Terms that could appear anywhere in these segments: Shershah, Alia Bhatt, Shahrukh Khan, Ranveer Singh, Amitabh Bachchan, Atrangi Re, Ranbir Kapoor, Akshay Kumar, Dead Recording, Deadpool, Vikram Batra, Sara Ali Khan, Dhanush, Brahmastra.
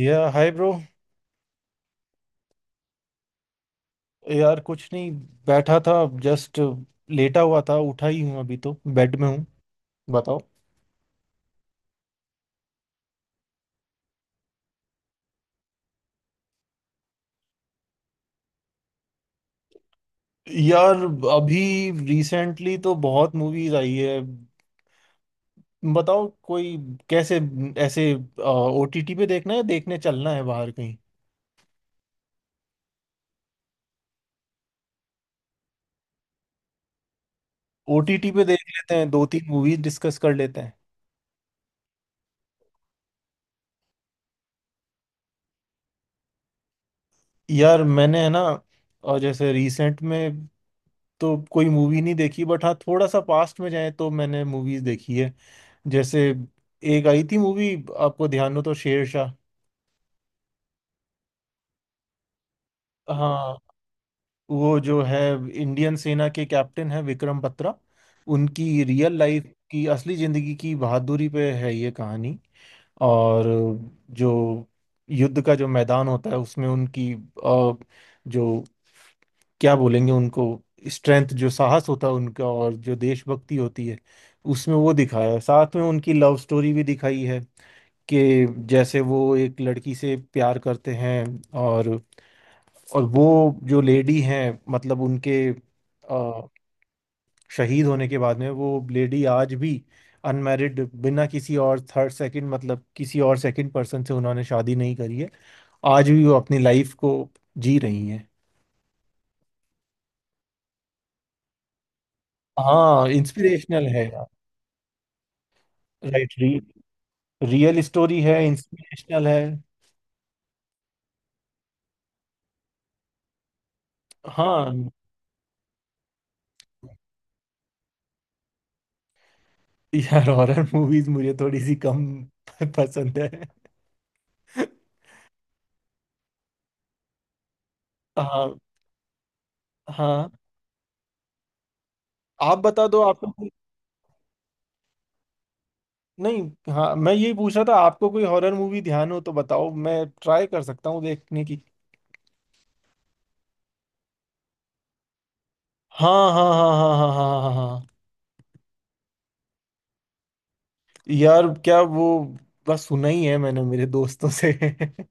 या hi bro. यार, कुछ नहीं। बैठा था जस्ट। लेटा हुआ था, उठा ही हूँ, अभी तो बेड में हूँ। बताओ। यार, अभी रिसेंटली तो बहुत मूवीज आई है। बताओ कोई। कैसे ऐसे? ओटीटी पे देखना है, देखने चलना है बाहर कहीं? ओटीटी पे देख लेते हैं, दो तीन मूवीज डिस्कस कर लेते हैं। यार, मैंने है ना, और जैसे रिसेंट में तो कोई मूवी नहीं देखी, बट हाँ, थोड़ा सा पास्ट में जाए तो मैंने मूवीज देखी है। जैसे, एक आई थी मूवी, आपको ध्यान हो तो, शेरशाह। हाँ, वो जो है, इंडियन सेना के कैप्टन है विक्रम बत्रा, उनकी रियल लाइफ की, असली जिंदगी की बहादुरी पे है ये कहानी। और जो युद्ध का जो मैदान होता है, उसमें उनकी जो, क्या बोलेंगे उनको, स्ट्रेंथ, जो साहस होता है उनका, और जो देशभक्ति होती है, उसमें वो दिखाया है। साथ में उनकी लव स्टोरी भी दिखाई है कि जैसे वो एक लड़की से प्यार करते हैं, और और वो जो लेडी हैं, मतलब उनके अ, शहीद होने के बाद में वो लेडी आज भी अनमैरिड, बिना किसी और थर्ड सेकंड, मतलब किसी और सेकंड पर्सन से उन्होंने शादी नहीं करी है। आज भी वो अपनी लाइफ को जी रही हैं। हाँ, इंस्पिरेशनल है यार। राइट, रियल स्टोरी है, इंस्पिरेशनल है। हाँ, यार हॉरर मूवीज मुझे थोड़ी सी कम पसंद है। हाँ, हाँ, आप बता दो आपको कोई। नहीं, हाँ, मैं यही पूछ रहा था, आपको कोई हॉरर मूवी ध्यान हो तो बताओ, मैं ट्राई कर सकता हूँ देखने की। हाँ, हाँ, हाँ, हाँ, हाँ, हाँ, हाँ, हाँ। यार, क्या वो, बस सुना ही है मैंने, मेरे दोस्तों से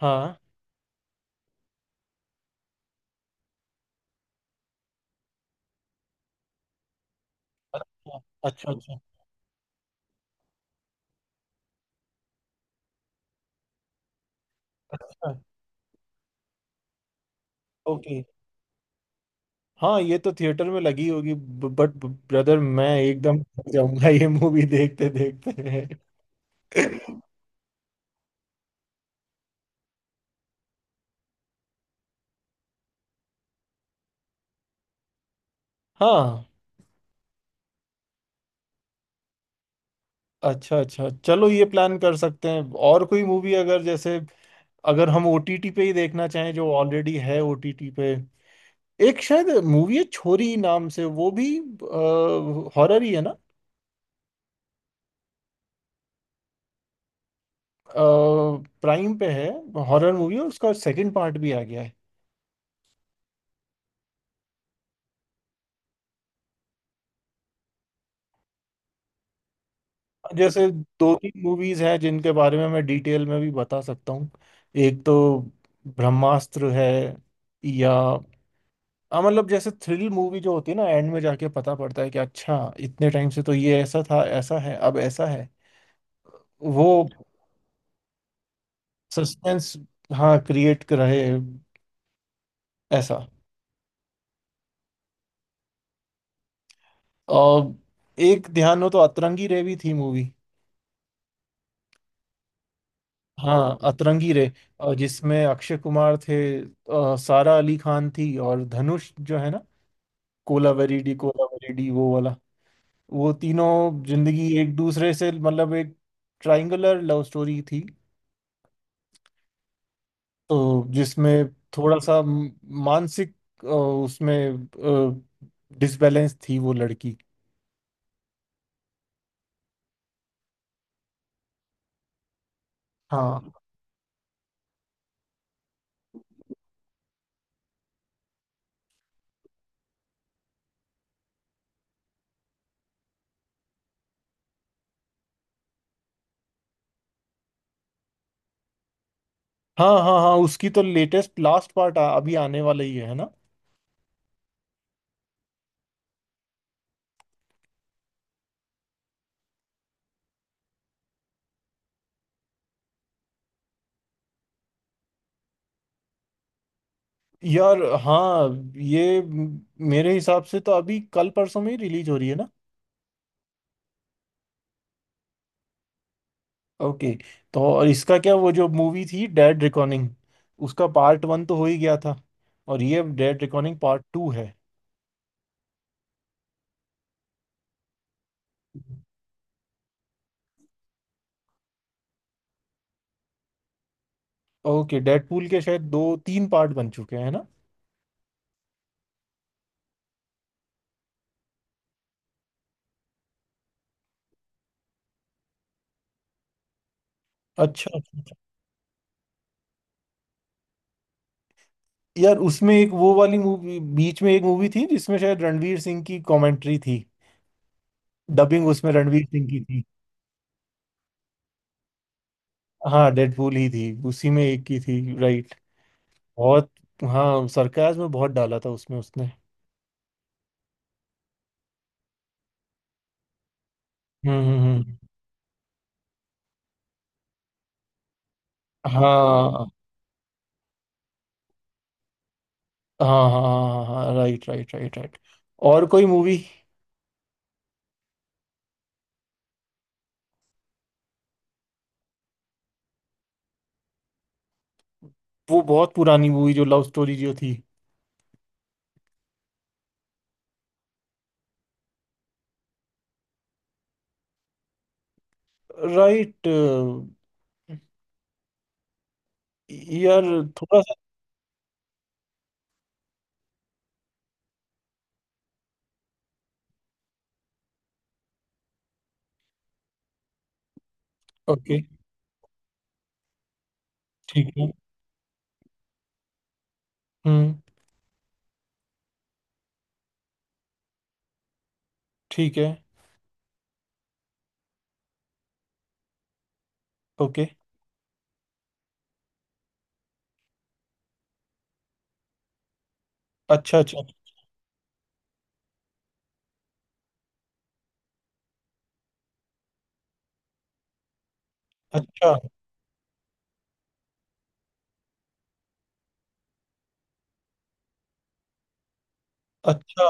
हाँ, अच्छा, अच्छा, अच्छा, ओके। हाँ, ये तो थिएटर में लगी होगी, बट ब्रदर मैं एकदम थक जाऊंगा ये मूवी देखते देखते। हाँ, अच्छा, अच्छा, चलो ये प्लान कर सकते हैं। और कोई मूवी अगर, जैसे, अगर हम ओटीटी पे ही देखना चाहें जो ऑलरेडी है ओटीटी पे, एक शायद मूवी है छोरी नाम से, वो भी हॉरर ही है ना। प्राइम पे है, हॉरर मूवी, और उसका सेकंड पार्ट भी आ गया है। जैसे, दो तीन मूवीज हैं जिनके बारे में मैं डिटेल में भी बता सकता हूँ। एक तो ब्रह्मास्त्र है, या हाँ, मतलब जैसे थ्रिल मूवी जो होती है ना, एंड में जाके पता पड़ता है कि अच्छा, इतने टाइम से तो ये ऐसा था, ऐसा है, अब ऐसा है वो। सस्पेंस, हाँ, क्रिएट रहे, ऐसा। और एक ध्यान हो तो अतरंगी रे भी थी मूवी। हाँ, अतरंगी रे, और जिसमें अक्षय कुमार थे, सारा अली खान थी, और धनुष जो है ना, कोलावेरी कोलावेरी वो वाला। वो तीनों जिंदगी एक दूसरे से, मतलब एक ट्रायंगुलर लव स्टोरी थी। तो जिसमें थोड़ा सा मानसिक उसमें डिसबैलेंस थी वो लड़की। हाँ, हाँ, हाँ, हाँ, उसकी तो लेटेस्ट लास्ट पार्ट अभी आने वाला ही है ना। यार हाँ, ये मेरे हिसाब से तो अभी कल परसों में ही रिलीज हो रही है ना। ओके। तो और इसका क्या, वो जो मूवी थी डेड रिकॉर्डिंग, उसका पार्ट वन तो हो ही गया था, और ये dead recording part two okay. ओके। डेडपूल के शायद दो तीन पार्ट बन चुके हैं ना। अच्छा, अच्छा। यार उसमें एक, वो वाली मूवी बीच में एक मूवी थी जिसमें शायद रणवीर सिंह की कमेंट्री थी, डबिंग उसमें रणवीर सिंह की थी। हाँ, डेडपूल ही थी, उसी में एक की थी, राइट। बहुत, हाँ, सरकाज में बहुत डाला था उसमें उसने। हम्म, हम्म, हाँ, हाँ, हाँ, हाँ, राइट, राइट, राइट, राइट। और कोई मूवी। वो बहुत पुरानी मूवी, जो लव स्टोरी जो थी। राइट। यार, थोड़ा सा। ओके। ठीक है। हम्म, ठीक है। ओके। अच्छा, अच्छा, अच्छा, अच्छा,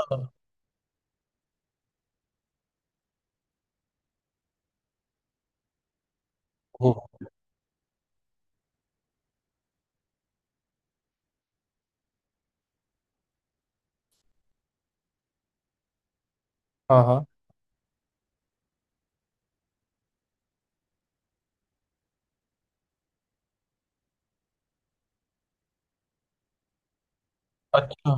हो, हाँ, हाँ, अच्छा,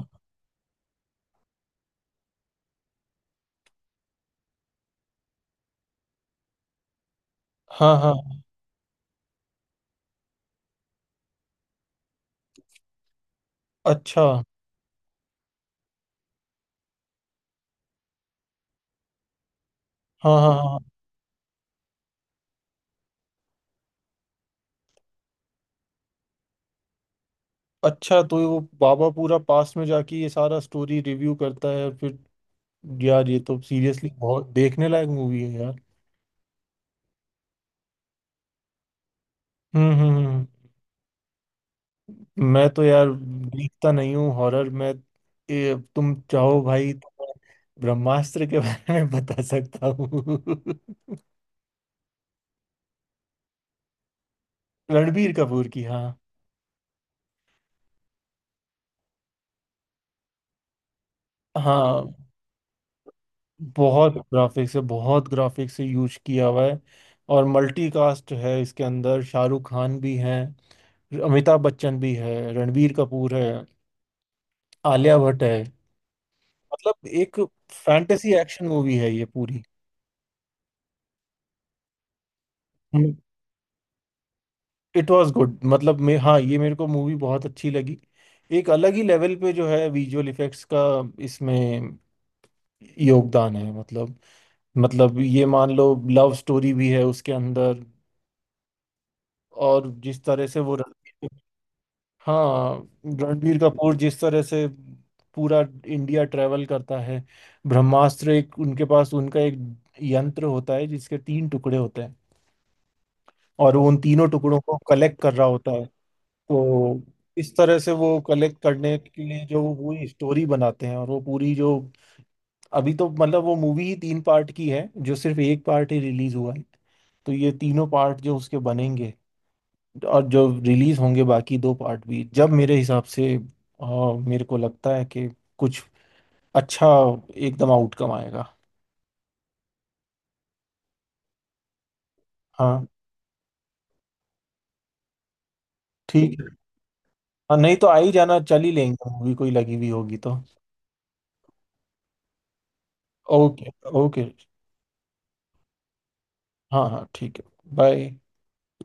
हाँ, हाँ, अच्छा, हाँ, हाँ, हाँ, हाँ। अच्छा, तो वो बाबा पूरा पास्ट में जाके ये सारा स्टोरी रिव्यू करता है और फिर, यार ये तो सीरियसली बहुत देखने लायक मूवी है यार। हम्म, हम्म, मैं तो यार देखता नहीं हूँ हॉरर मैं। ए, तुम चाहो भाई तो मैं ब्रह्मास्त्र के बारे में बता सकता हूँ। रणबीर कपूर की, हाँ। हाँ, बहुत ग्राफिक्स है, बहुत ग्राफिक्स से यूज किया हुआ है, और मल्टीकास्ट है। इसके अंदर शाहरुख खान भी हैं, अमिताभ बच्चन भी है, रणबीर कपूर है, आलिया भट्ट है। मतलब एक फैंटेसी एक्शन मूवी है ये पूरी। इट वाज गुड, मतलब मैं, हाँ, ये मेरे को मूवी बहुत अच्छी लगी। एक अलग ही लेवल पे जो है विजुअल इफेक्ट्स का, इसमें योगदान है। मतलब ये मान लो, लव स्टोरी भी है उसके अंदर। और जिस तरह से वो रणबीर, हाँ, रणबीर कपूर जिस तरह से पूरा इंडिया ट्रेवल करता है। ब्रह्मास्त्र एक, उनके पास उनका एक यंत्र होता है जिसके तीन टुकड़े होते हैं, और वो उन तीनों टुकड़ों को कलेक्ट कर रहा होता है। तो इस तरह से वो कलेक्ट करने के लिए जो वो पूरी स्टोरी बनाते हैं, और वो पूरी जो, अभी तो मतलब वो मूवी ही तीन पार्ट की है, जो सिर्फ एक पार्ट ही रिलीज हुआ है। तो ये तीनों पार्ट जो उसके बनेंगे और जो रिलीज होंगे बाकी दो पार्ट भी, जब मेरे हिसाब से अ, मेरे को लगता है कि कुछ अच्छा एकदम आउटकम आएगा। हाँ, ठीक है। हाँ, नहीं तो आ ही जाना, चल ही लेंगे मूवी कोई लगी हुई होगी तो। ओके। ओके। हाँ, हाँ, ठीक है। बाय।